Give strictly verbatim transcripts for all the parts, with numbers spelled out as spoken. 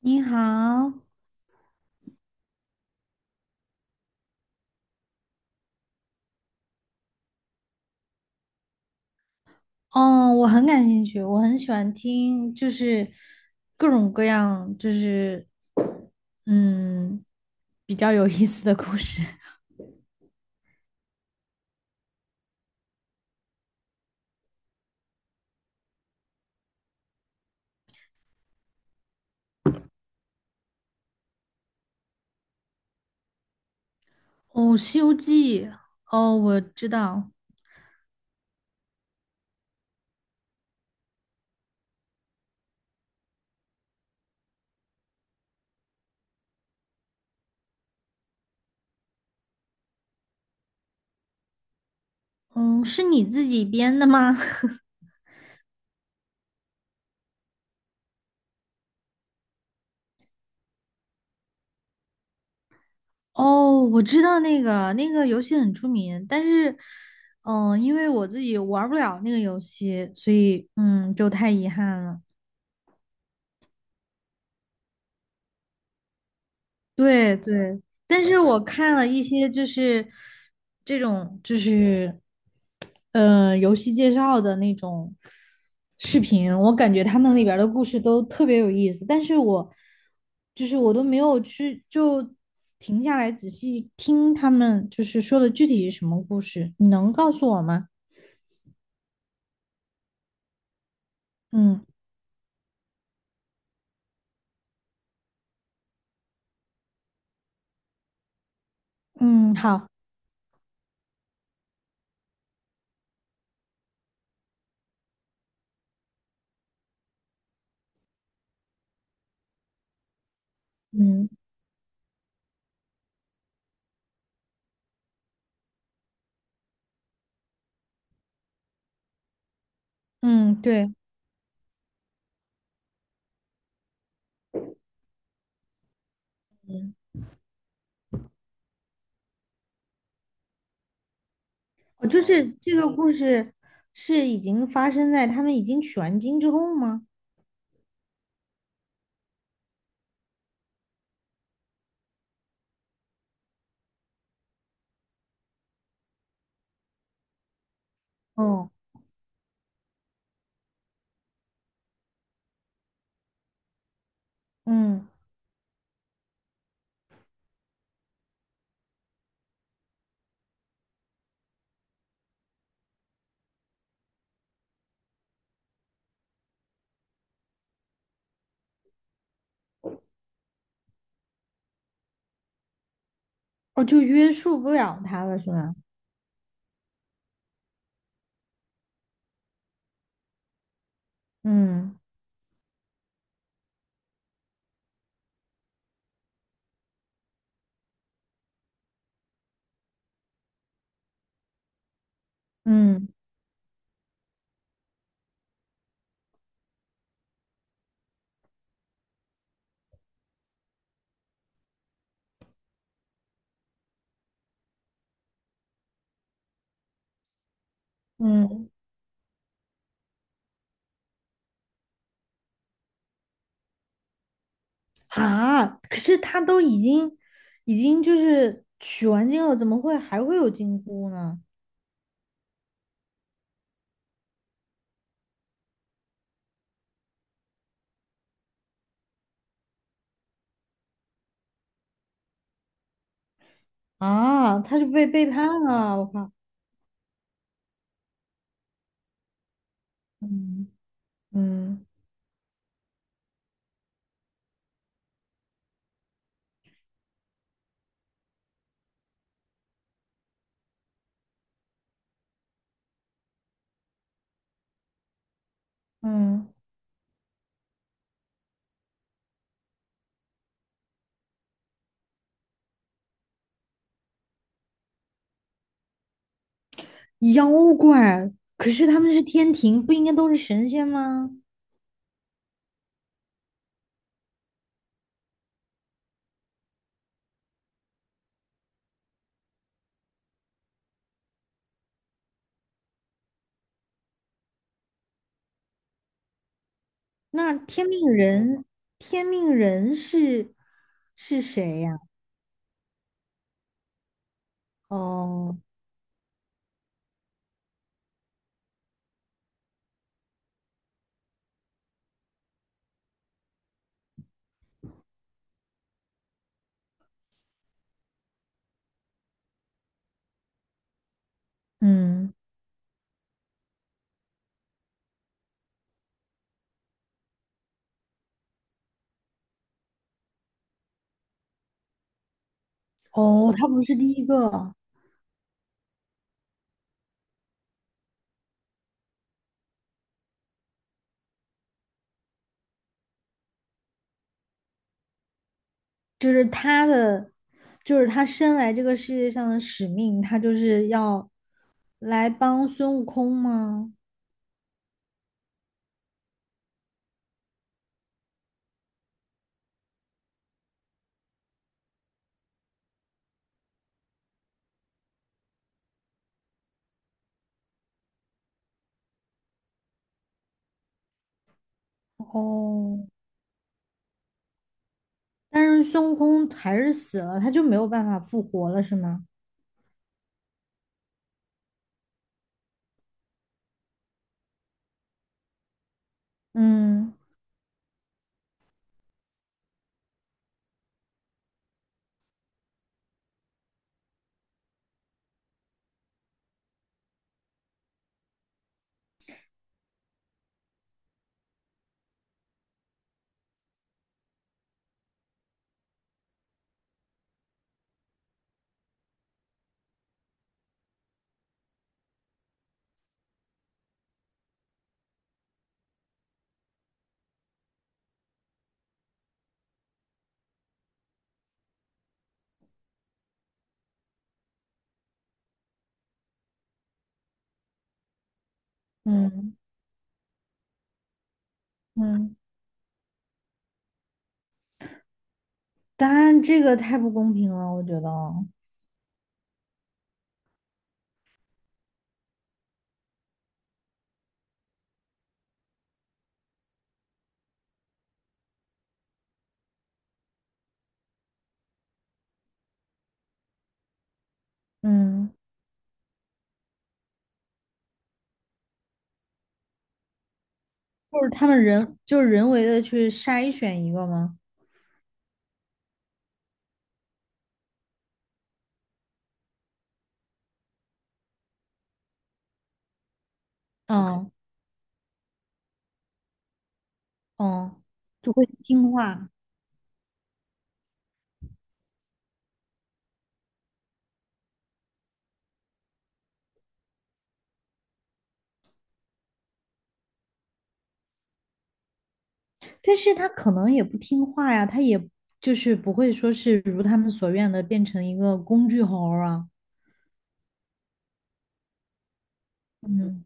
你好。哦，我很感兴趣，我很喜欢听，就是各种各样，就是嗯，比较有意思的故事。哦，《西游记》，哦，我知道。嗯，是你自己编的吗？哦，我知道那个那个游戏很出名，但是，嗯，因为我自己玩儿不了那个游戏，所以嗯，就太遗憾了。对对，但是我看了一些就是这种就是呃游戏介绍的那种视频，我感觉他们里边儿的故事都特别有意思，但是我就是我都没有去就停下来仔细听他们就是说的具体是什么故事，你能告诉我吗？嗯，嗯，好。嗯嗯，对，我就是这个故事是已经发生在他们已经取完经之后吗？哦。嗯，哦，就约束不了他了，是吧？嗯。嗯嗯，啊，可是他都已经已经就是取完经了，怎么会还会有金箍呢？啊，他就被背叛了，我靠！嗯嗯嗯。妖怪，可是他们是天庭，不应该都是神仙吗？那天命人，天命人是是谁呀？哦。嗯，哦，他不是第一个。就是他的，就是他生来这个世界上的使命，他就是要来帮孙悟空吗？哦，但是孙悟空还是死了，他就没有办法复活了，是吗？嗯，嗯嗯，当然这个太不公平了，我觉得。嗯，就是他们人就是人为的去筛选一个吗？嗯嗯，就会听话。但是他可能也不听话呀，他也就是不会说是如他们所愿的变成一个工具猴儿啊。嗯，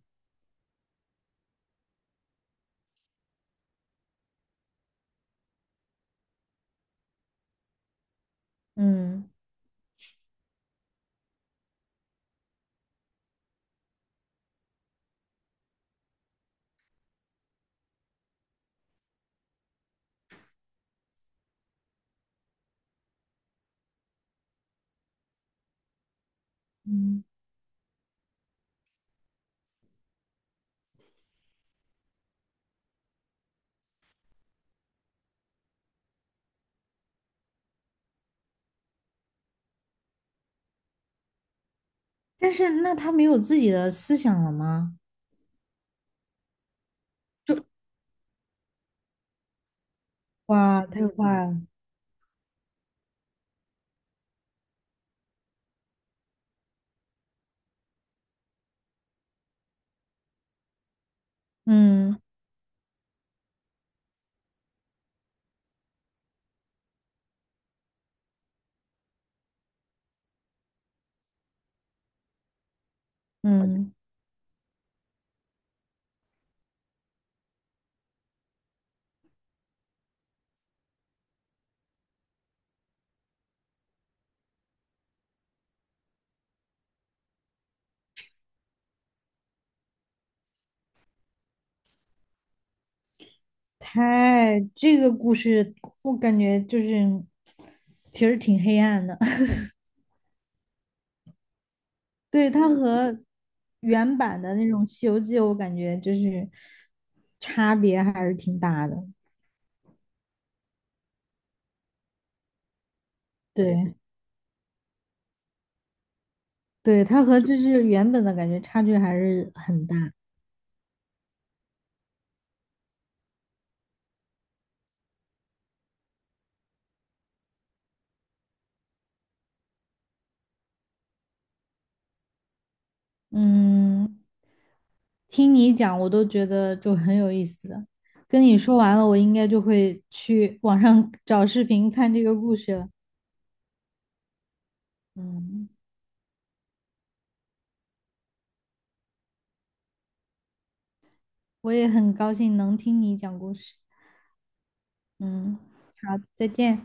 嗯，嗯，但是那他没有自己的思想了吗？哇，太嗯坏了。嗯嗯，太这个故事我感觉就是其实挺黑暗的。对，它和原版的那种《西游记》，我感觉就是差别还是挺大的。对，对，它和就是原本的感觉差距还是很大。嗯，听你讲，我都觉得就很有意思了。跟你说完了，我应该就会去网上 找视频看这个故事了。嗯，我也很高兴能听你讲故事。嗯，好，再见。